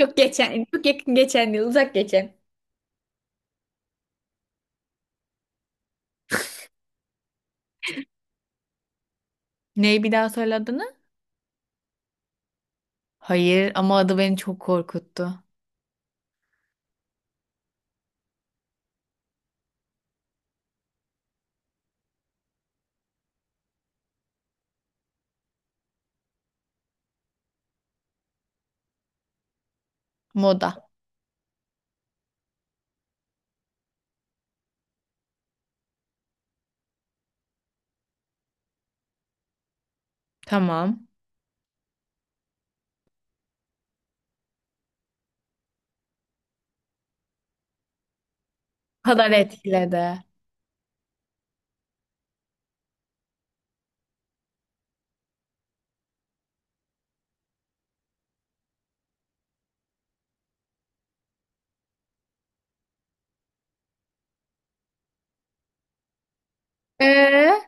Çok geçen, çok yakın geçen yıl, uzak geçen. Neyi bir daha söyle adını? Hayır ama adı beni çok korkuttu. Moda. Tamam. O kadar etkiledi. Ee?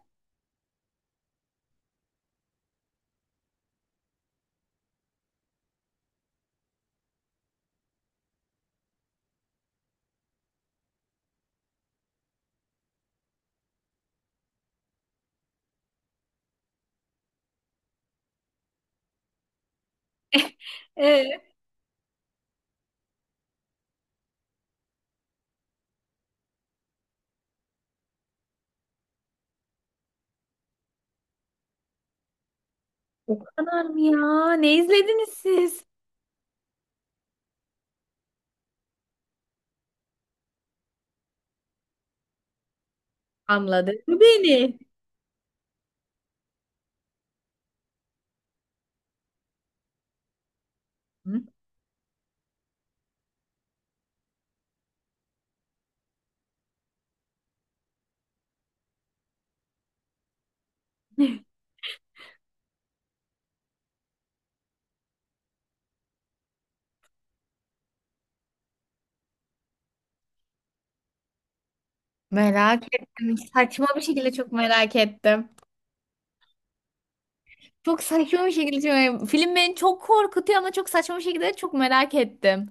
Ee, o kadar mı ya? Ne izlediniz siz? Anladı beni. Hı? Merak ettim. Saçma bir şekilde çok merak ettim. Çok saçma bir şekilde Film beni çok korkutuyor ama çok saçma bir şekilde çok merak ettim.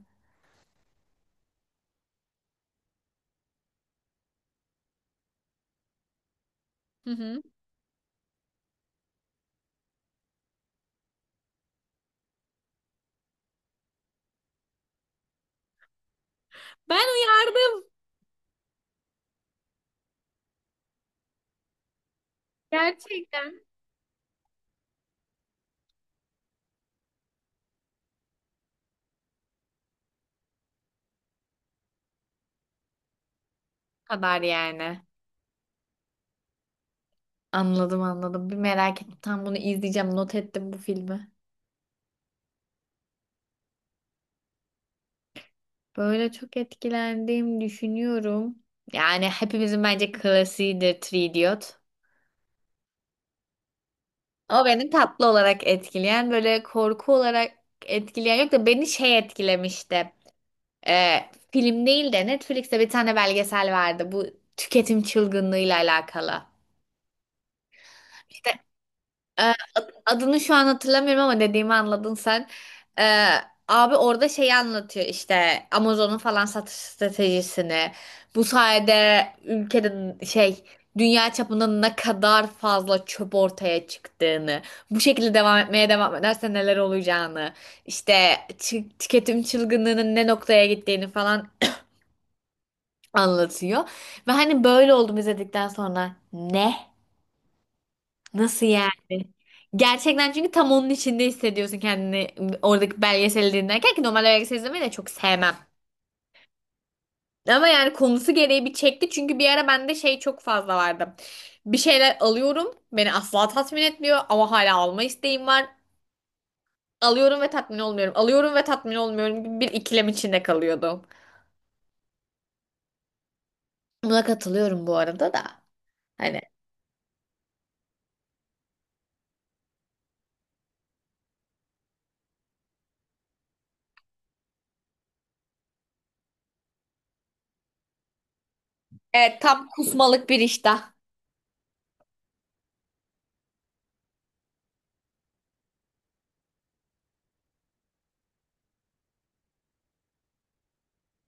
Hı hı. Ben uyardım. Gerçekten. Bu kadar yani. Anladım anladım. Bir merak ettim. Tam bunu izleyeceğim. Not ettim bu filmi. Böyle çok etkilendiğimi düşünüyorum. Yani hepimizin bence klasiğidir Three Idiot. O beni tatlı olarak etkileyen, böyle korku olarak etkileyen yok da beni şey etkilemişti. Ee, film değil de Netflix'te bir tane belgesel vardı. Bu tüketim çılgınlığıyla alakalı. İşte adını şu an hatırlamıyorum ama dediğimi anladın sen. Ee, abi orada şeyi anlatıyor işte Amazon'un falan satış stratejisini. Bu sayede ülkede şey dünya çapında ne kadar fazla çöp ortaya çıktığını, bu şekilde devam etmeye devam ederse neler olacağını, işte tüketim çılgınlığının ne noktaya gittiğini falan anlatıyor. Ve hani böyle oldum izledikten sonra ne? Nasıl yani? Gerçekten çünkü tam onun içinde hissediyorsun kendini oradaki belgeseli dinlerken ki normal belgesel izlemeyi de çok sevmem. Ama yani konusu gereği bir çekti çünkü bir ara bende şey çok fazla vardı. Bir şeyler alıyorum beni asla tatmin etmiyor ama hala alma isteğim var. Alıyorum ve tatmin olmuyorum. Alıyorum ve tatmin olmuyorum gibi bir ikilem içinde kalıyordum. Buna katılıyorum bu arada da. Hani evet tam kusmalık bir iştah.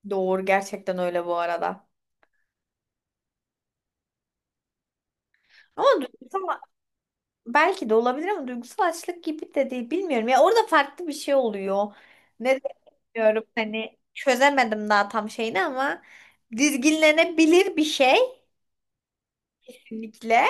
Doğru gerçekten öyle bu arada. Ama duygusal Belki de olabilir ama duygusal açlık gibi de değil. Bilmiyorum ya orada farklı bir şey oluyor. Ne de bilmiyorum hani çözemedim daha tam şeyini ama dizginlenebilir bir şey. Kesinlikle.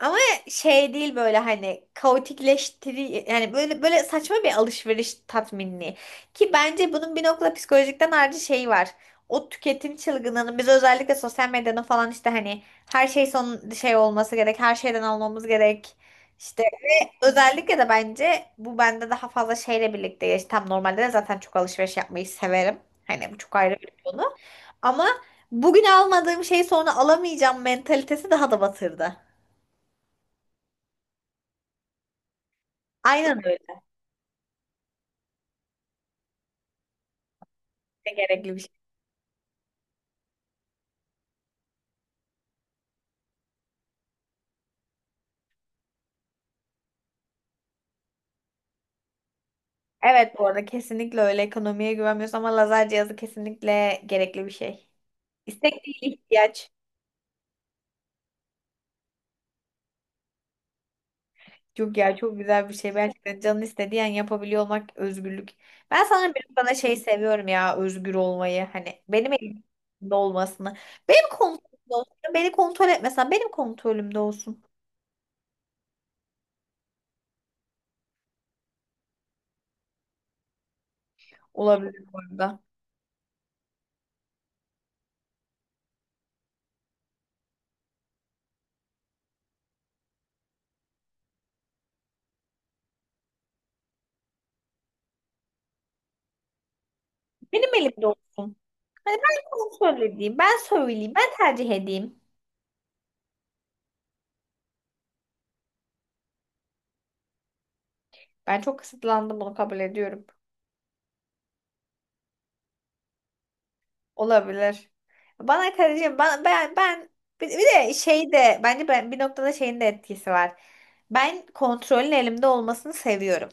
Ama şey değil böyle hani kaotikleştiri yani böyle böyle saçma bir alışveriş tatminliği. Ki bence bunun bir noktada psikolojikten ayrıca şeyi var. O tüketim çılgınlığının biz özellikle sosyal medyada falan işte hani her şey son şey olması gerek, her şeyden almamız gerek. İşte ve özellikle de bence bu bende daha fazla şeyle birlikte Tam normalde de zaten çok alışveriş yapmayı severim. Hani bu çok ayrı bir konu. Ama bugün almadığım şeyi sonra alamayacağım mentalitesi daha da batırdı. Aynen öyle. Gerekli bir şey. Evet bu arada kesinlikle öyle ekonomiye güvenmiyoruz ama lazer cihazı kesinlikle gerekli bir şey. İstek değil ihtiyaç. Çok ya çok güzel bir şey. Gerçekten canın istediği an yapabiliyor olmak özgürlük. Ben sana bir bana şey seviyorum ya özgür olmayı. Hani benim elimde olmasını. Benim kontrolümde olsun. Beni kontrol etmesen benim kontrolümde olsun. Olabilir bu arada. Benim elimde olsun. Hani ben sana söyleyeyim. Ben söyleyeyim. Ben tercih edeyim. Ben çok kısıtlandım bunu kabul ediyorum. Olabilir. Bana karıcığım ben bir de şey de bence ben bir noktada şeyin de etkisi var. Ben kontrolün elimde olmasını seviyorum.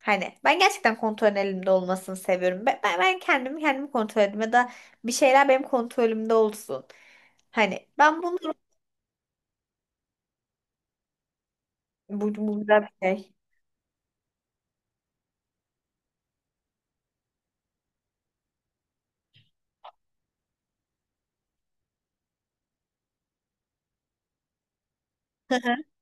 Hani ben gerçekten kontrolün elimde olmasını seviyorum. Ben kendimi kontrol edeyim ya da bir şeyler benim kontrolümde olsun. Hani ben bunu bu güzel bir şey.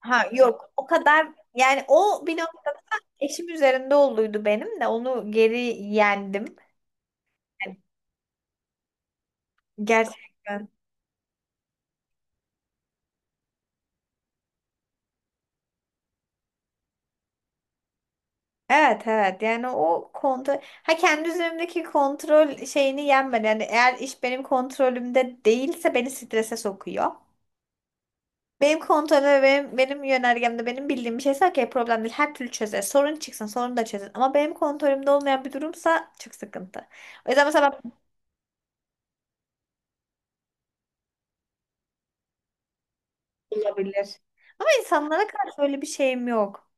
Ha yok o kadar yani o bir noktada eşim üzerinde olduydu benim de onu geri yendim. Yani gerçekten. Evet evet yani o kontrol ha kendi üzerimdeki kontrol şeyini yenmedi. Yani eğer iş benim kontrolümde değilse beni strese sokuyor. Benim kontrolüm ve benim yönergemde benim bildiğim bir şeyse okey problem değil. Her türlü çözer. Sorun çıksın sorun da çözer. Ama benim kontrolümde olmayan bir durumsa çok sıkıntı. O yüzden mesela ben olabilir. Ama insanlara karşı öyle bir şeyim yok.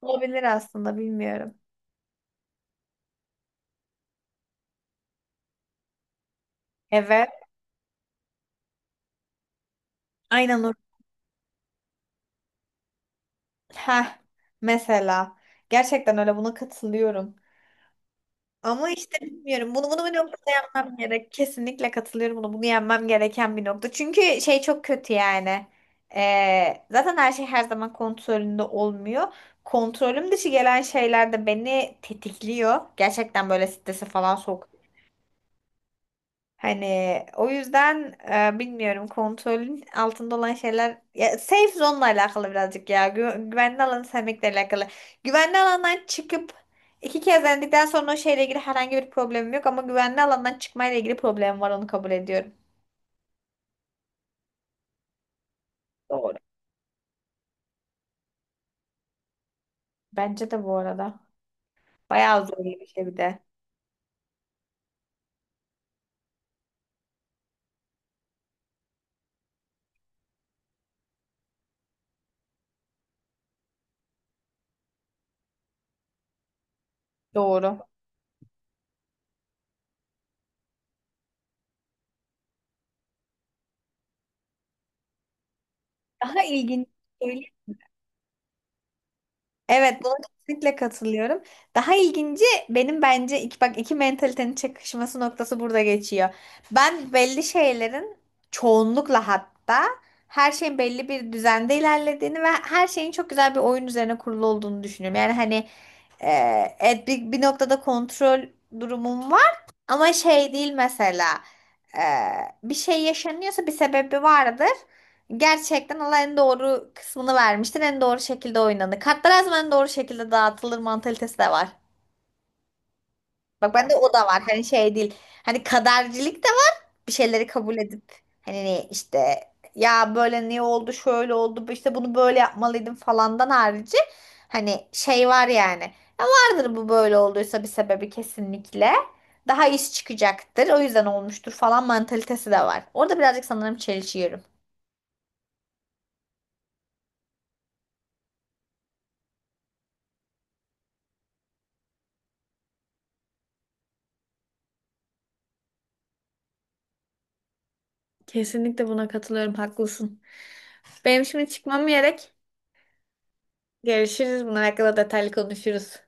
Olabilir aslında bilmiyorum. Evet. Aynen Nur. Heh. Mesela. Gerçekten öyle buna katılıyorum. Ama işte bilmiyorum. Bunu bir noktada yapmam gerek. Kesinlikle katılıyorum bunu. Bunu yenmem gereken bir nokta. Çünkü şey çok kötü yani. Zaten her şey her zaman kontrolünde olmuyor. Kontrolüm dışı gelen şeyler de beni tetikliyor. Gerçekten böyle strese falan sokuyor. Hani o yüzden bilmiyorum kontrolün altında olan şeyler ya safe zone'la alakalı birazcık ya güvenli alanı sevmekle alakalı. Güvenli alandan çıkıp iki kez denedikten sonra o şeyle ilgili herhangi bir problemim yok ama güvenli alandan çıkmayla ilgili problemim var onu kabul ediyorum. Doğru. Bence de bu arada. Bayağı zor bir şey bir de. Doğru. Daha ilginç Evet, buna kesinlikle katılıyorum. Daha ilginci benim bence iki, bak iki mentalitenin çakışması noktası burada geçiyor. Ben belli şeylerin çoğunlukla hatta her şeyin belli bir düzende ilerlediğini ve her şeyin çok güzel bir oyun üzerine kurulu olduğunu düşünüyorum. Yani hani e, evet, bir noktada kontrol durumum var ama şey değil mesela e, bir şey yaşanıyorsa bir sebebi vardır gerçekten Allah en doğru kısmını vermiştir. En doğru şekilde oynanır. Kartlar her zaman en doğru şekilde dağıtılır mantalitesi de var. Bak bende o da var. Hani şey değil. Hani kadercilik de var. Bir şeyleri kabul edip hani ne işte ya böyle niye oldu şöyle oldu işte bunu böyle yapmalıydım falandan harici hani şey var yani. Ya vardır bu böyle olduysa bir sebebi kesinlikle. Daha iş çıkacaktır. O yüzden olmuştur falan mantalitesi de var. Orada birazcık sanırım çelişiyorum. Kesinlikle buna katılıyorum. Haklısın. Benim şimdi çıkmam gerek. Görüşürüz. Bunlar hakkında detaylı konuşuruz.